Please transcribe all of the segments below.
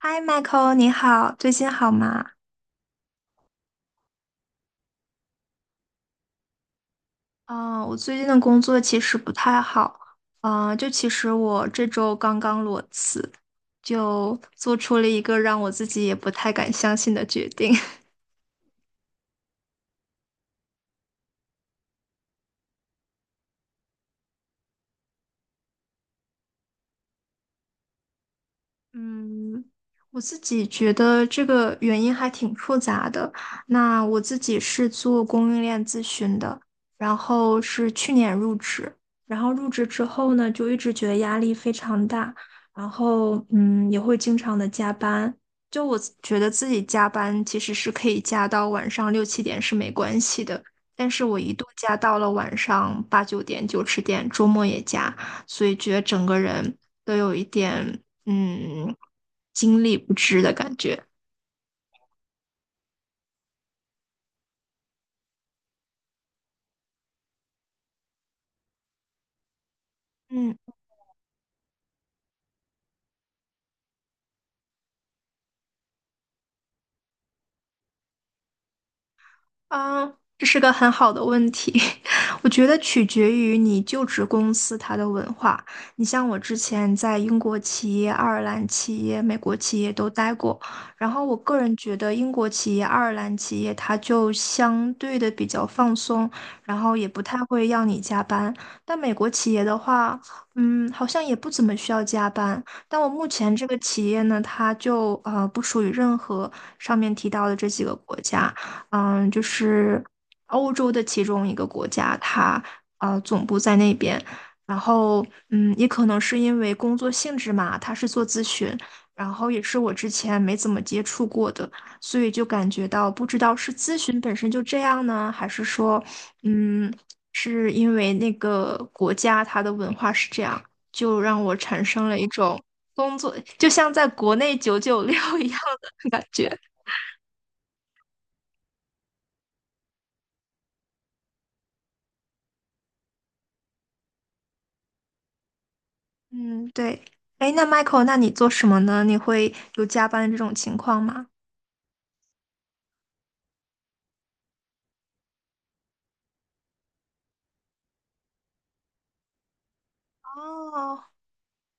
嗨，Michael，你好，最近好吗？啊，我最近的工作其实不太好，啊，就其实我这周刚刚裸辞，就做出了一个让我自己也不太敢相信的决定。嗯，我自己觉得这个原因还挺复杂的。那我自己是做供应链咨询的，然后是去年入职，然后入职之后呢，就一直觉得压力非常大，然后也会经常的加班。就我觉得自己加班其实是可以加到晚上六七点是没关系的，但是我一度加到了晚上八九点、九十点，周末也加。所以觉得整个人都有一点嗯，精力不支的感觉。嗯嗯，这是个很好的问题，我觉得取决于你就职公司它的文化。你像我之前在英国企业、爱尔兰企业、美国企业都待过，然后我个人觉得英国企业、爱尔兰企业它就相对的比较放松，然后也不太会要你加班。但美国企业的话，好像也不怎么需要加班。但我目前这个企业呢，它就不属于任何上面提到的这几个国家。就是欧洲的其中一个国家，它总部在那边。然后，也可能是因为工作性质嘛，他是做咨询，然后也是我之前没怎么接触过的，所以就感觉到不知道是咨询本身就这样呢，还是说，嗯，是因为那个国家它的文化是这样，就让我产生了一种工作，就像在国内九九六一样的感觉。嗯，对。哎，那 Michael，那你做什么呢？你会有加班的这种情况吗？哦，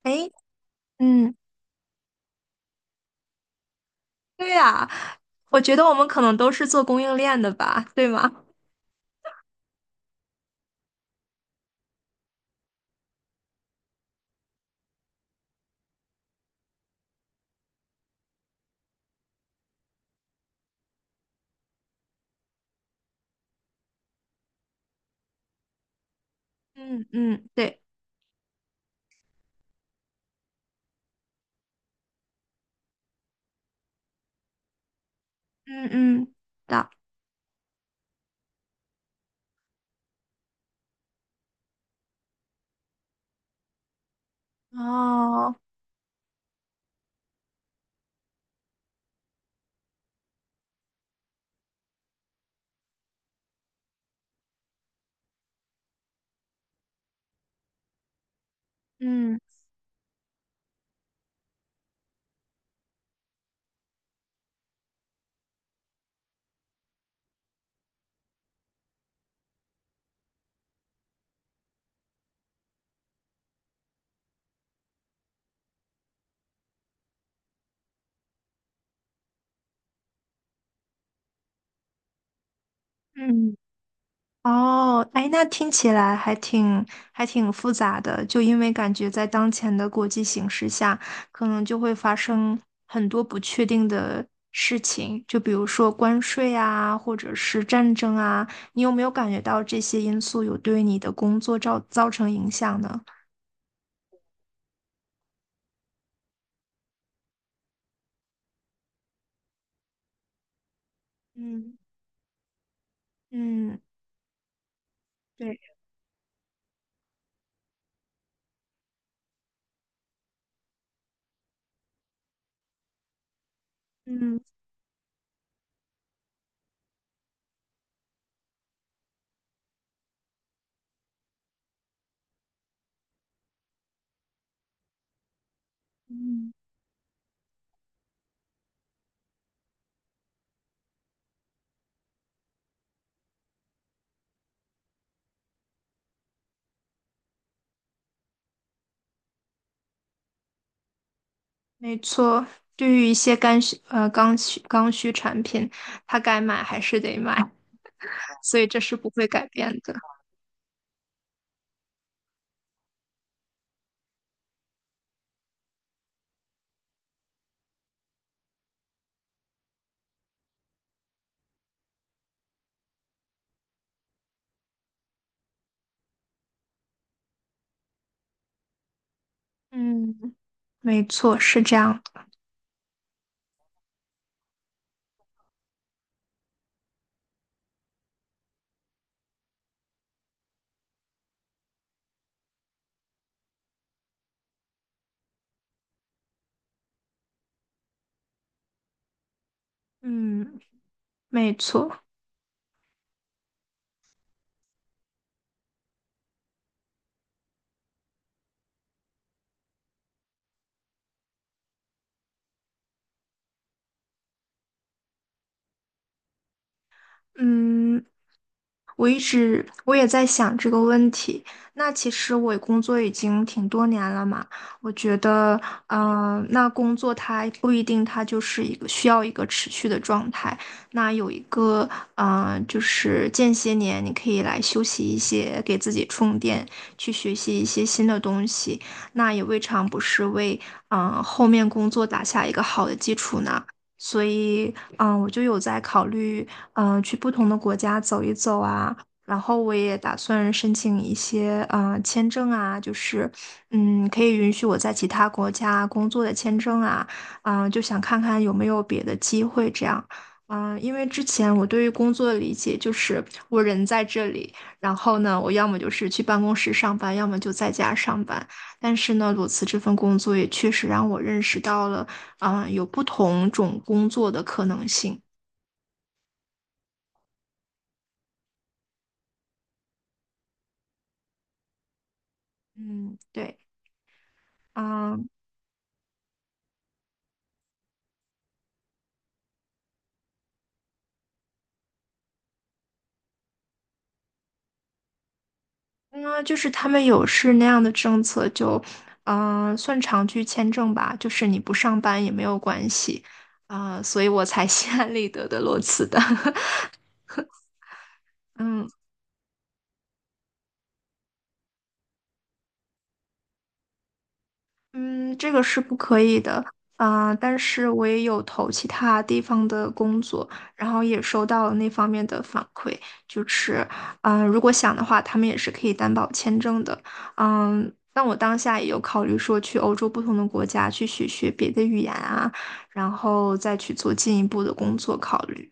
哎，嗯，对呀，我觉得我们可能都是做供应链的吧，对吗？嗯嗯，对，嗯嗯，的，哦，嗯嗯。哦，哎，那听起来还挺复杂的，就因为感觉在当前的国际形势下，可能就会发生很多不确定的事情，就比如说关税啊，或者是战争啊，你有没有感觉到这些因素有对你的工作造成影响呢？嗯嗯，对，嗯，没错，对于一些刚需产品，它该买还是得买，所以这是不会改变的。嗯。没错，是这样的。嗯，没错。嗯，我一直我也在想这个问题。那其实我工作已经挺多年了嘛，我觉得，那工作它不一定它就是一个需要一个持续的状态。那有一个，就是间歇年，你可以来休息一些，给自己充电，去学习一些新的东西，那也未尝不是为，后面工作打下一个好的基础呢。所以，我就有在考虑，去不同的国家走一走啊。然后我也打算申请一些签证啊，就是可以允许我在其他国家工作的签证啊，就想看看有没有别的机会这样。因为之前我对于工作的理解就是我人在这里，然后呢，我要么就是去办公室上班，要么就在家上班。但是呢，裸辞这份工作也确实让我认识到了，有不同种工作的可能性。嗯，对。嗯，那就是他们有是那样的政策，就算长居签证吧，就是你不上班也没有关系啊，所以我才 心安理得的裸辞的。嗯。嗯，这个是不可以的，啊，但是我也有投其他地方的工作，然后也收到了那方面的反馈，就是，如果想的话，他们也是可以担保签证的，但我当下也有考虑说去欧洲不同的国家去学学别的语言啊，然后再去做进一步的工作考虑，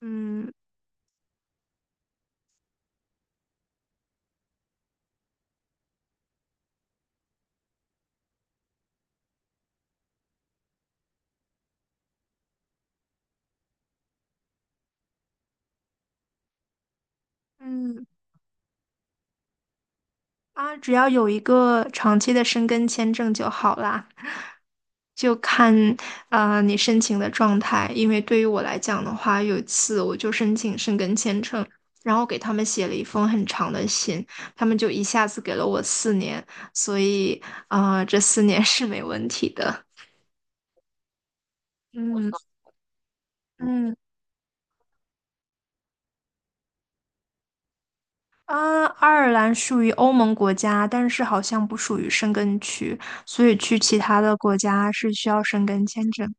嗯嗯。啊，只要有一个长期的申根签证就好啦，就看啊，你申请的状态。因为对于我来讲的话，有一次我就申请申根签证，然后给他们写了一封很长的信，他们就一下子给了我四年，所以啊，这四年 是没问题的。嗯嗯。啊，爱尔兰属于欧盟国家，但是好像不属于申根区，所以去其他的国家是需要申根签证。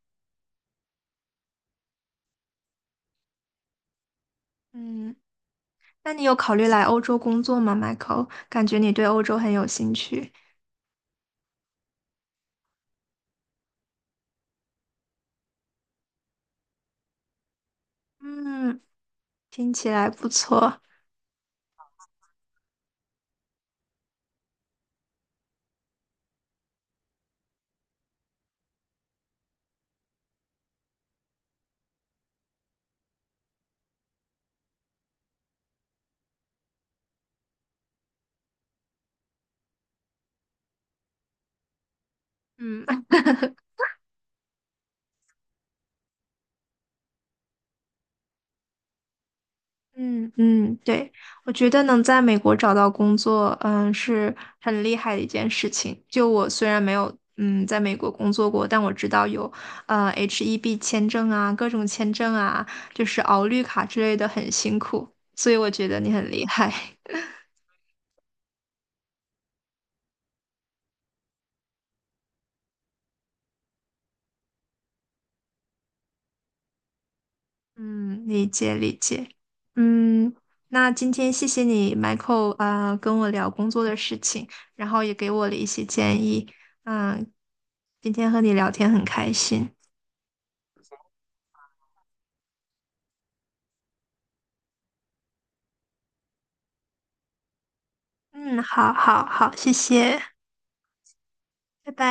嗯。那你有考虑来欧洲工作吗，Michael？感觉你对欧洲很有兴趣。嗯，听起来不错。嗯嗯嗯，对，我觉得能在美国找到工作，是很厉害的一件事情。就我虽然没有在美国工作过，但我知道有H1B 签证啊，各种签证啊，就是熬绿卡之类的很辛苦，所以我觉得你很厉害。嗯，理解理解。嗯，那今天谢谢你，Michael 啊，跟我聊工作的事情，然后也给我了一些建议。嗯，今天和你聊天很开心。嗯，好好好，谢谢，拜拜。